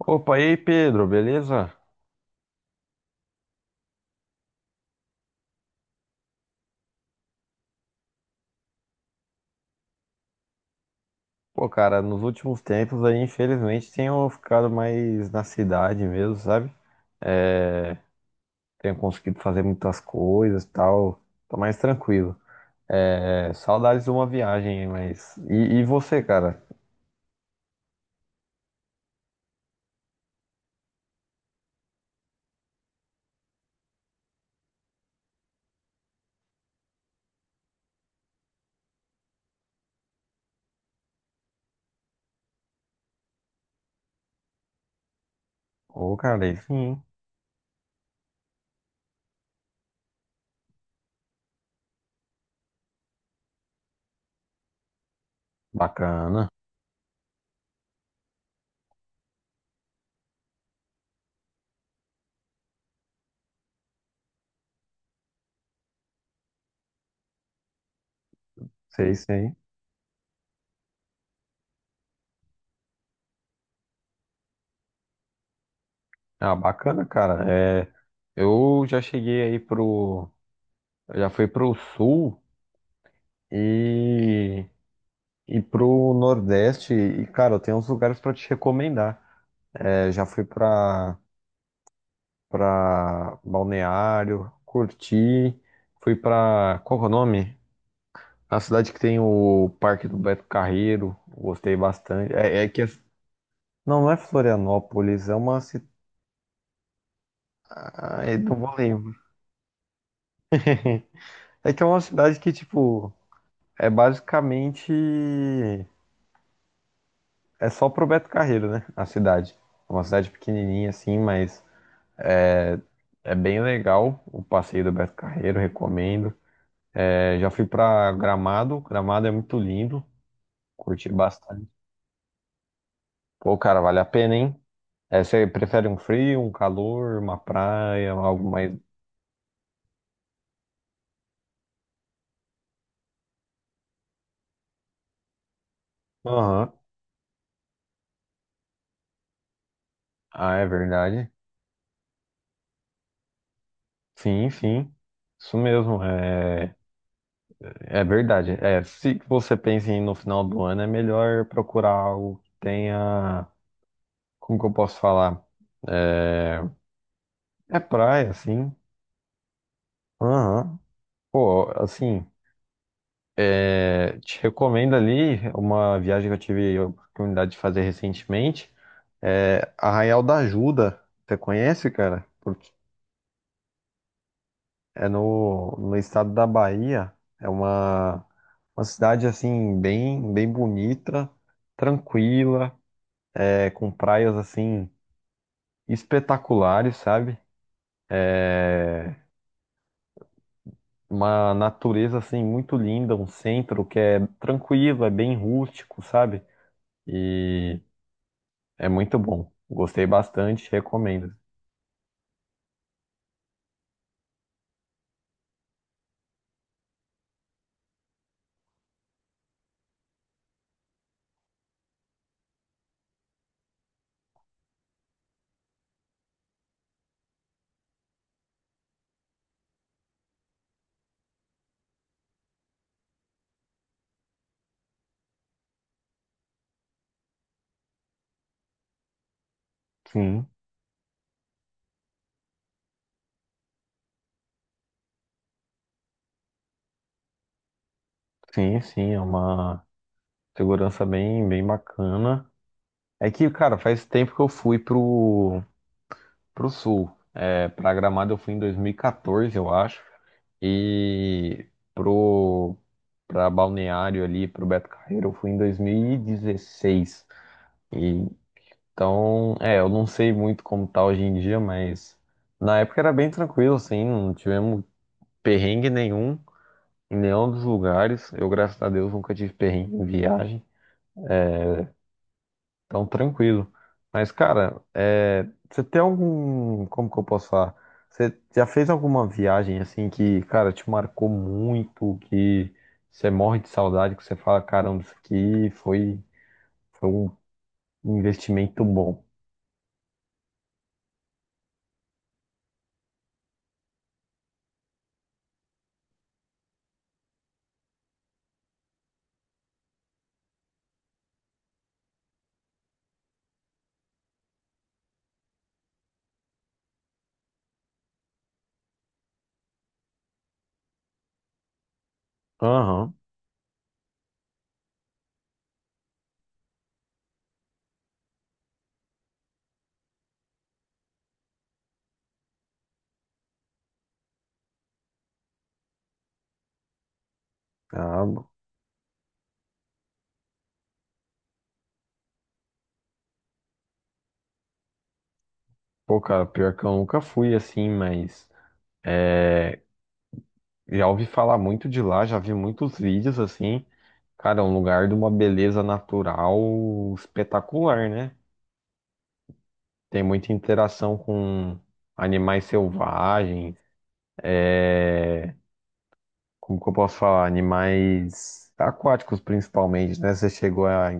Opa, e aí, Pedro, beleza? Pô, cara, nos últimos tempos aí, infelizmente, tenho ficado mais na cidade mesmo, sabe? É, tenho conseguido fazer muitas coisas e tal, tô mais tranquilo. É, saudades de uma viagem, mas. E você, cara? Ô, cara, aí sim, bacana. Sei, sei. Ah, bacana, cara. É, eu já cheguei aí pro. Eu já fui pro sul e. E pro Nordeste, e cara, eu tenho uns lugares pra te recomendar. É, pra Balneário, curti, fui pra. Qual que é o nome? A cidade que tem o Parque do Beto Carreiro, gostei bastante. É, é que. É- não, não é Florianópolis, é uma cidade. Não vou lembrar. É que é uma cidade que, tipo, é basicamente. É só pro Beto Carreiro, né? A cidade. É uma cidade pequenininha assim, mas. É é bem legal o passeio do Beto Carreiro, recomendo. É, já fui pra Gramado, Gramado é muito lindo, curti bastante. Pô, cara, vale a pena, hein? É, você prefere um frio, um calor, uma praia, algo mais. Aham. Ah, é verdade. Sim, sim. Isso mesmo, é, é verdade. É, se você pensa em ir no final do ano, é melhor procurar algo que tenha. Como que eu posso falar? É, é praia, sim. Aham. Pô, assim. É, te recomendo ali uma viagem que eu tive a oportunidade de fazer recentemente. É Arraial da Ajuda. Você conhece, cara? Porque é no estado da Bahia. É uma cidade assim bem, bem bonita, tranquila, é, com praias assim espetaculares, sabe? É uma natureza assim muito linda, um centro que é tranquilo, é bem rústico, sabe? E é muito bom. Gostei bastante, recomendo. Sim, sim, sim, é uma segurança bem, bem bacana. É que, cara, faz tempo que eu fui pro, pro sul. É, pra Gramado eu fui em 2014, eu acho. E pro, pra Balneário ali, pro Beto Carreiro, eu fui em 2016. E, dezesseis. E, então, é, eu não sei muito como tá hoje em dia, mas na época era bem tranquilo, assim, não tivemos perrengue nenhum. Em nenhum dos lugares. Eu, graças a Deus, nunca tive perrengue em viagem. Então, tranquilo. Mas, cara, é, você tem algum. Como que eu posso falar? Você já fez alguma viagem assim que, cara, te marcou muito, que você morre de saudade, que você fala, caramba, isso aqui foi, foi um investimento bom. Aham. Ah, pô, cara, pior que eu nunca fui assim, mas. É, já ouvi falar muito de lá, já vi muitos vídeos assim. Cara, é um lugar de uma beleza natural espetacular, né? Tem muita interação com animais selvagens, é... como que eu posso falar? Animais aquáticos principalmente, né?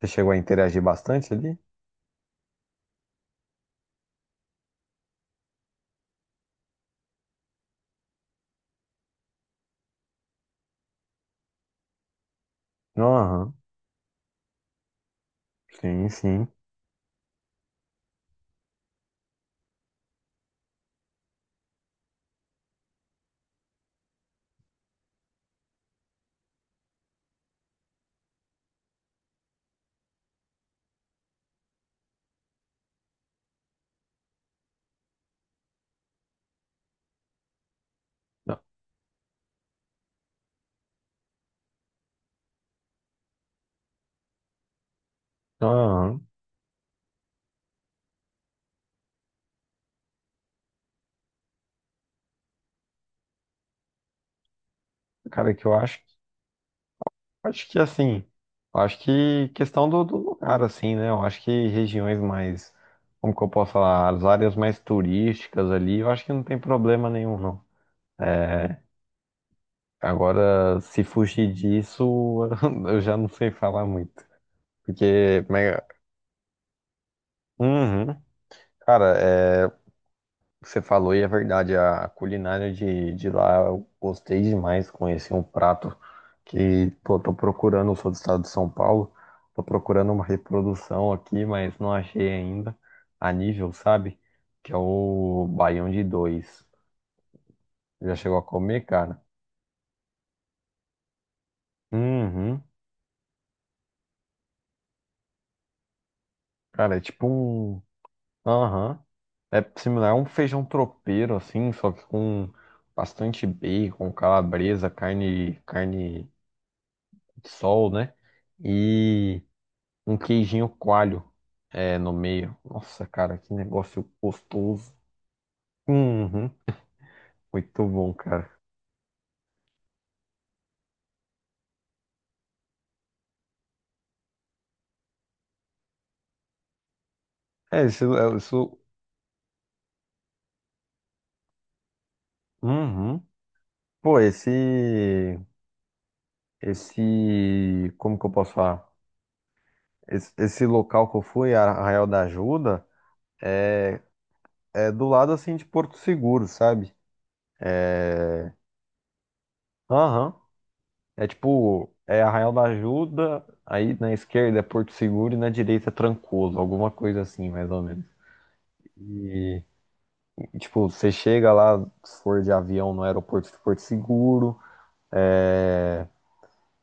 Você chegou a interagir bastante ali? Aham, sim, sim. Aham. Cara, que eu acho Acho que assim, acho que questão do lugar, assim, né? Eu acho que regiões mais, como que eu posso falar, as áreas mais turísticas ali, eu acho que não tem problema nenhum, não. É, agora, se fugir disso, eu já não sei falar muito. Porque, mas- uhum. Cara, é, que você falou e é verdade, a culinária de lá eu gostei demais, conheci um prato que, pô, tô procurando, eu sou do estado de São Paulo, tô procurando uma reprodução aqui, mas não achei ainda, a nível, sabe? Que é o baião de dois. Já chegou a comer, cara? Uhum. Cara, é tipo um... Aham. É similar a um feijão tropeiro, assim, só que com bastante bacon, calabresa, carne de sol, né? E... um queijinho coalho é, no meio. Nossa, cara, que negócio gostoso. Uhum, muito bom, cara. É, isso, uhum. Pô, esse, como que eu posso falar? Esse local que eu fui, Arraial da Ajuda, é, é do lado, assim, de Porto Seguro, sabe? É, aham, é tipo, é Arraial da Ajuda, aí na esquerda é Porto Seguro e na direita é Trancoso, alguma coisa assim, mais ou menos. E, e, tipo, você chega lá, se for de avião, no aeroporto de Porto Seguro. É,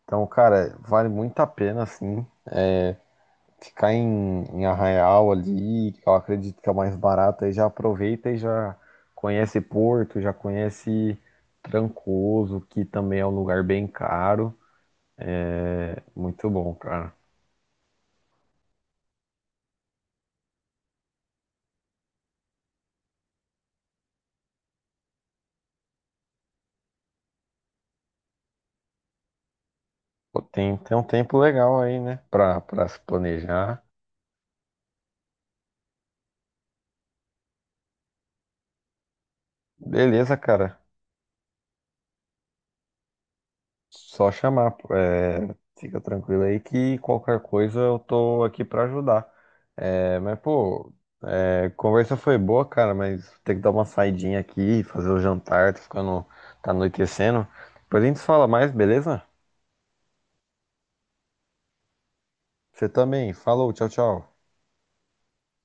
então, cara, vale muito a pena, assim, ficar em Arraial ali, que eu acredito que é o mais barato, aí já aproveita e já conhece Porto, já conhece Trancoso, que também é um lugar bem caro. Muito bom, cara. Pô, tem um tempo legal aí, né, pra se planejar. Beleza, cara, só chamar. É, fica tranquilo aí que qualquer coisa eu tô aqui pra ajudar. É, mas, pô, é, conversa foi boa, cara, mas tem que dar uma saidinha aqui, fazer o jantar, tá ficando, tá anoitecendo. Depois a gente fala mais, beleza? Você também. Falou, tchau, tchau.